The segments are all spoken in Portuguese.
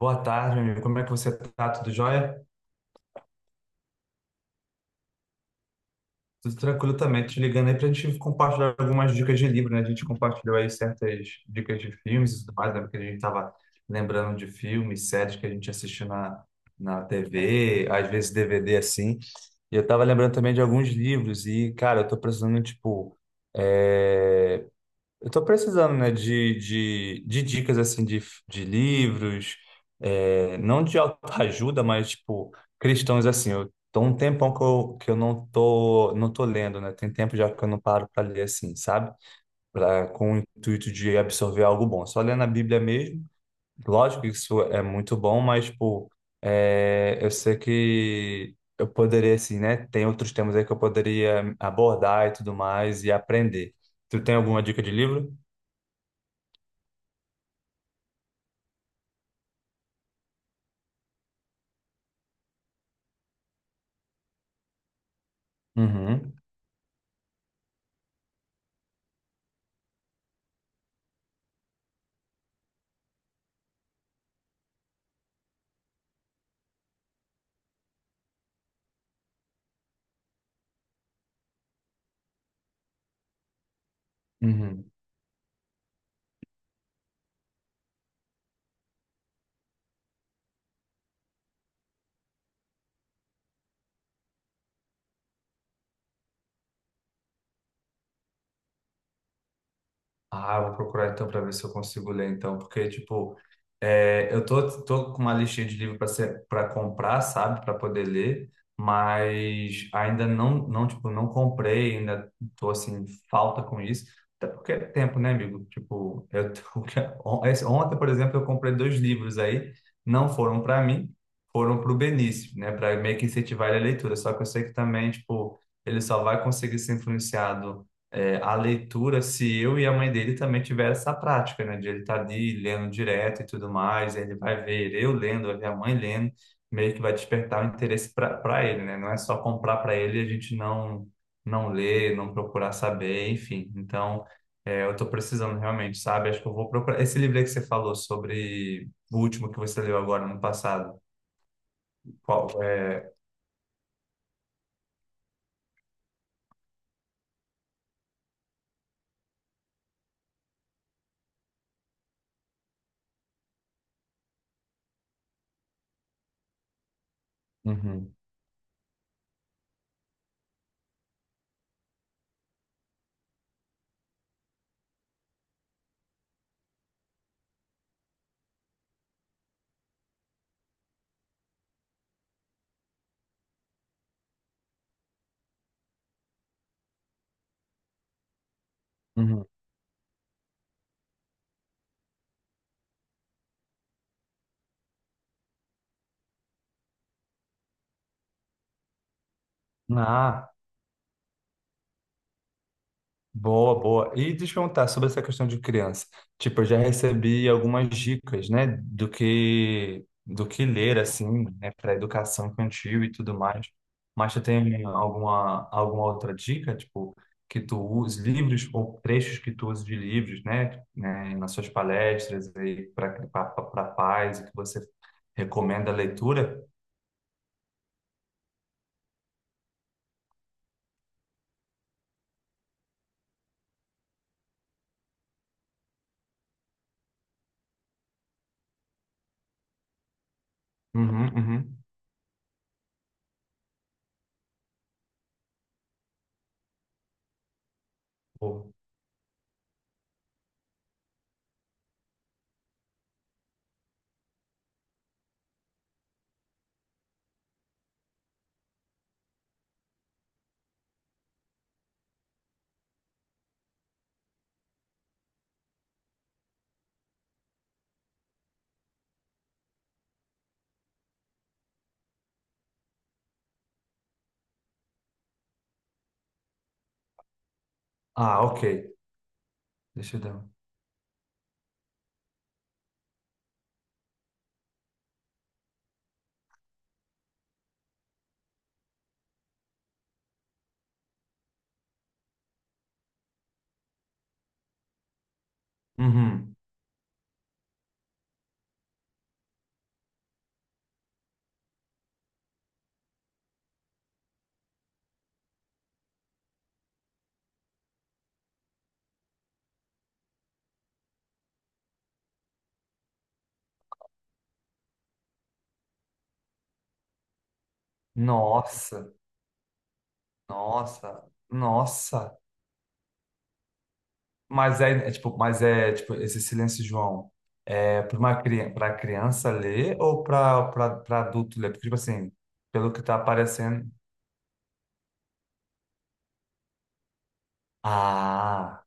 Boa tarde, meu amigo. Como é que você tá? Tudo jóia? Tudo tranquilo também. Tô te ligando aí pra gente compartilhar algumas dicas de livro, né? A gente compartilhou aí certas dicas de filmes e tudo mais, né? Porque a gente tava lembrando de filmes, séries que a gente assistiu na TV, às vezes DVD assim. E eu tava lembrando também de alguns livros e, cara, eu tô precisando, tipo, eh, eu tô precisando, né, de dicas, assim, de livros, é, não de autoajuda, mas, tipo, cristãos, assim, eu tô um tempão que eu não tô, não tô lendo, né, tem tempo já que eu não paro para ler, assim, sabe? Pra, com o intuito de absorver algo bom, só lendo a Bíblia mesmo, lógico que isso é muito bom, mas, tipo, é, eu sei que eu poderia, assim, né, tem outros temas aí que eu poderia abordar e tudo mais e aprender. Tu tem alguma dica de livro? Uhum, uhum. Ah, eu vou procurar então para ver se eu consigo ler então, porque tipo, é, eu tô, tô com uma listinha de livro para ser para comprar, sabe, para poder ler, mas ainda não tipo não comprei, ainda tô assim falta com isso, até porque é tempo, né, amigo? Tipo, eu tô, ontem, por exemplo, eu comprei dois livros aí, não foram para mim, foram para o Benício, né, para meio que incentivar ele a leitura. Só que eu sei que também tipo ele só vai conseguir ser influenciado é, a leitura se eu e a mãe dele também tiver essa prática, né? De ele estar ali lendo direto e tudo mais, ele vai ver eu lendo, vai ver a mãe lendo, meio que vai despertar o interesse para ele, né? Não é só comprar para ele e a gente não ler, não procurar saber, enfim. Então, é, eu estou precisando realmente, sabe? Acho que eu vou procurar. Esse livro aí que você falou sobre o último que você leu agora no passado, qual é? Uhum, uhum. Ah, boa, boa. E deixa eu perguntar sobre essa questão de criança. Tipo, eu já recebi algumas dicas, né, do que ler assim, né, para educação infantil e tudo mais. Mas tu tem alguma outra dica, tipo, que tu use livros ou trechos que tu use de livros, né, nas suas palestras aí para pais e que você recomenda a leitura? Uhum, uhum. Boa. Ah, ok. Deixa eu dar. Um. Uhum. Nossa. Nossa, nossa. Mas é, é tipo, mas é tipo esse silêncio, João. É para uma criança, para criança ler ou para adulto ler? Porque tipo assim, pelo que tá aparecendo. Ah,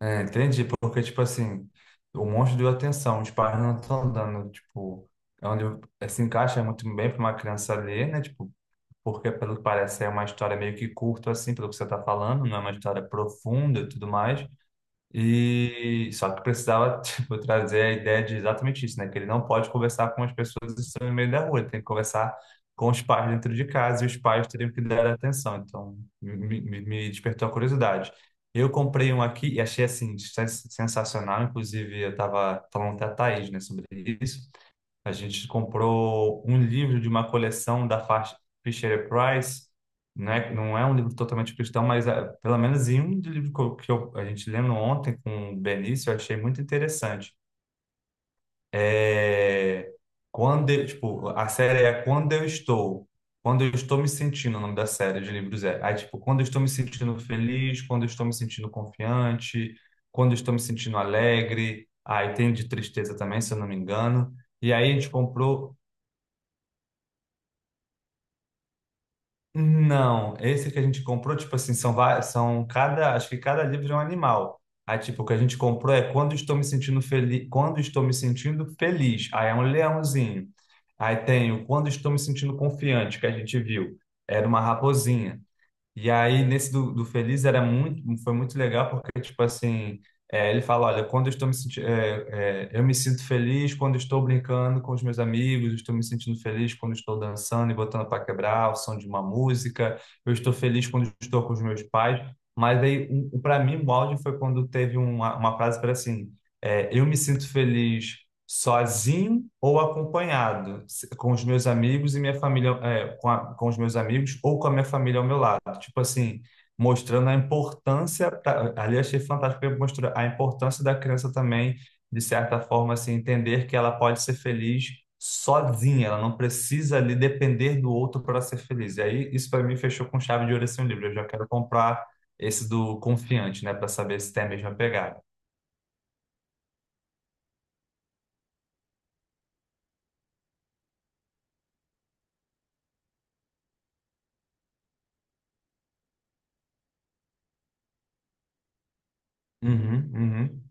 é, entendi. Porque tipo assim, o monstro deu atenção, os pais não estão dando, tipo, é onde é, se encaixa muito bem para uma criança ler, né? Tipo, porque pelo que parece é uma história meio que curta assim, pelo que você tá falando, não é uma história profunda e tudo mais. E só que precisava, tipo, trazer a ideia de exatamente isso, né? Que ele não pode conversar com as pessoas que estão no meio da rua, ele tem que conversar com os pais dentro de casa e os pais teriam que dar atenção. Então, me despertou a curiosidade. Eu comprei um aqui e achei, assim, sensacional. Inclusive, eu estava falando até a Thaís, né, sobre isso. A gente comprou um livro de uma coleção da Fisher Price, né? Que não é um livro totalmente cristão, mas ah, pelo menos em um livro que, a gente lendo ontem com o Benício, eu achei muito interessante. É, tipo, a série é Quando Eu Estou. Quando eu estou me sentindo, o nome da série de livros é. Aí, tipo, quando eu estou me sentindo feliz, quando eu estou me sentindo confiante, quando eu estou me sentindo alegre. Aí tem de tristeza também, se eu não me engano. E aí a gente comprou não, esse que a gente comprou, tipo assim, são, são cada, acho que cada livro é um animal. Aí, tipo, o que a gente comprou é quando estou me sentindo feliz, quando estou me sentindo feliz. Aí é um leãozinho. Aí tem o quando estou me sentindo confiante, que a gente viu. Era uma raposinha. E aí, nesse do Feliz, era muito, foi muito legal, porque, tipo assim, é, ele fala, olha, quando eu estou me sentindo, eu me sinto feliz quando estou brincando com os meus amigos, estou me sentindo feliz quando estou dançando e botando para quebrar o som de uma música, eu estou feliz quando estou com os meus pais, mas aí, um, para mim, o áudio foi quando teve uma frase para assim, é, eu me sinto feliz sozinho ou acompanhado, com os meus amigos e minha família, é, com os meus amigos ou com a minha família ao meu lado. Tipo assim, mostrando a importância, ali eu achei fantástico, porque mostrou a importância da criança também, de certa forma, assim, entender que ela pode ser feliz sozinha, ela não precisa ali depender do outro para ser feliz. E aí, isso para mim fechou com chave de ouro esse livro. Eu já quero comprar esse do Confiante, né, para saber se tem a mesma pegada. Uhum, uhum.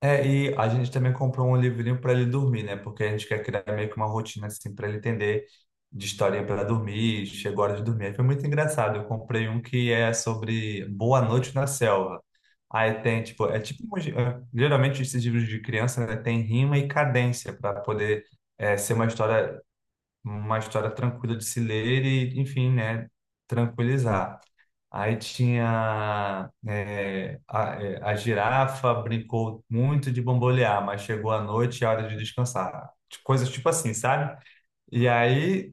É, e a gente também comprou um livrinho para ele dormir, né? Porque a gente quer criar meio que uma rotina assim para ele entender de historinha para dormir, chegou a hora de dormir. Aí foi muito engraçado. Eu comprei um que é sobre Boa Noite na Selva. Aí tem, tipo, é tipo, é, geralmente esses livros de criança, né, tem rima e cadência para poder é, ser uma história tranquila de se ler e, enfim, né, tranquilizar. Aí tinha é, a, é, a girafa brincou muito de bambolear, mas chegou a noite e a hora de descansar. Coisas tipo assim, sabe? E aí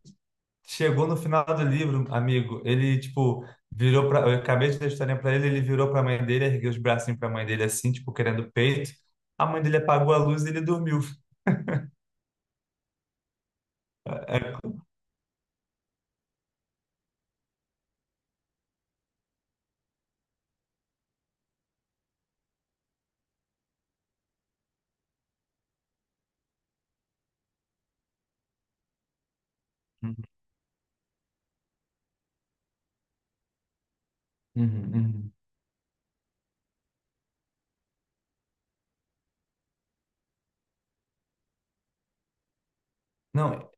chegou no final do livro, amigo, ele tipo virou para, eu acabei de dar a historinha para ele, ele virou para a mãe dele, ergueu os bracinhos para a mãe dele assim, tipo querendo peito. A mãe dele apagou a luz e ele dormiu. Uhum, uhum, uhum. Não,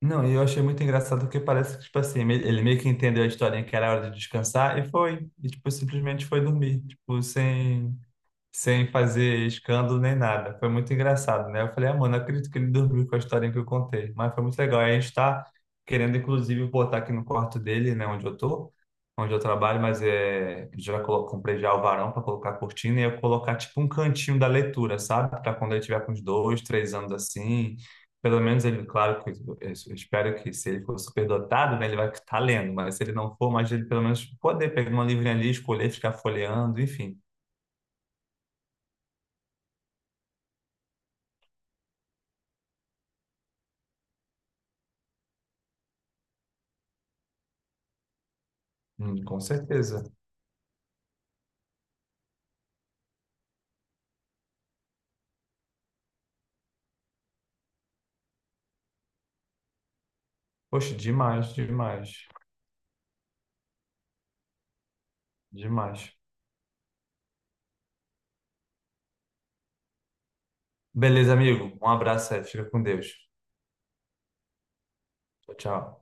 não, e eu achei muito engraçado porque parece que, tipo assim, ele meio que entendeu a historinha que era hora de descansar e foi. E, tipo, simplesmente foi dormir. Tipo, sem fazer escândalo nem nada. Foi muito engraçado, né? Eu falei, ah, mano, não acredito que ele dormiu com a história que eu contei, mas foi muito legal. E a gente está querendo, inclusive, botar aqui no quarto dele, né, onde eu tô, onde eu trabalho, mas é, comprei já o varão para colocar a cortina e eu colocar tipo um cantinho da leitura, sabe? Para quando ele tiver com uns dois, três anos assim. Pelo menos ele, claro que eu espero que se ele for superdotado, né, ele vai estar lendo, mas se ele não for, mas ele pelo menos poder pegar uma livrinha ali, escolher, ficar folheando, enfim. Com certeza. Poxa, demais, demais, demais. Beleza, amigo. Um abraço aí. Fica com Deus. Tchau, tchau.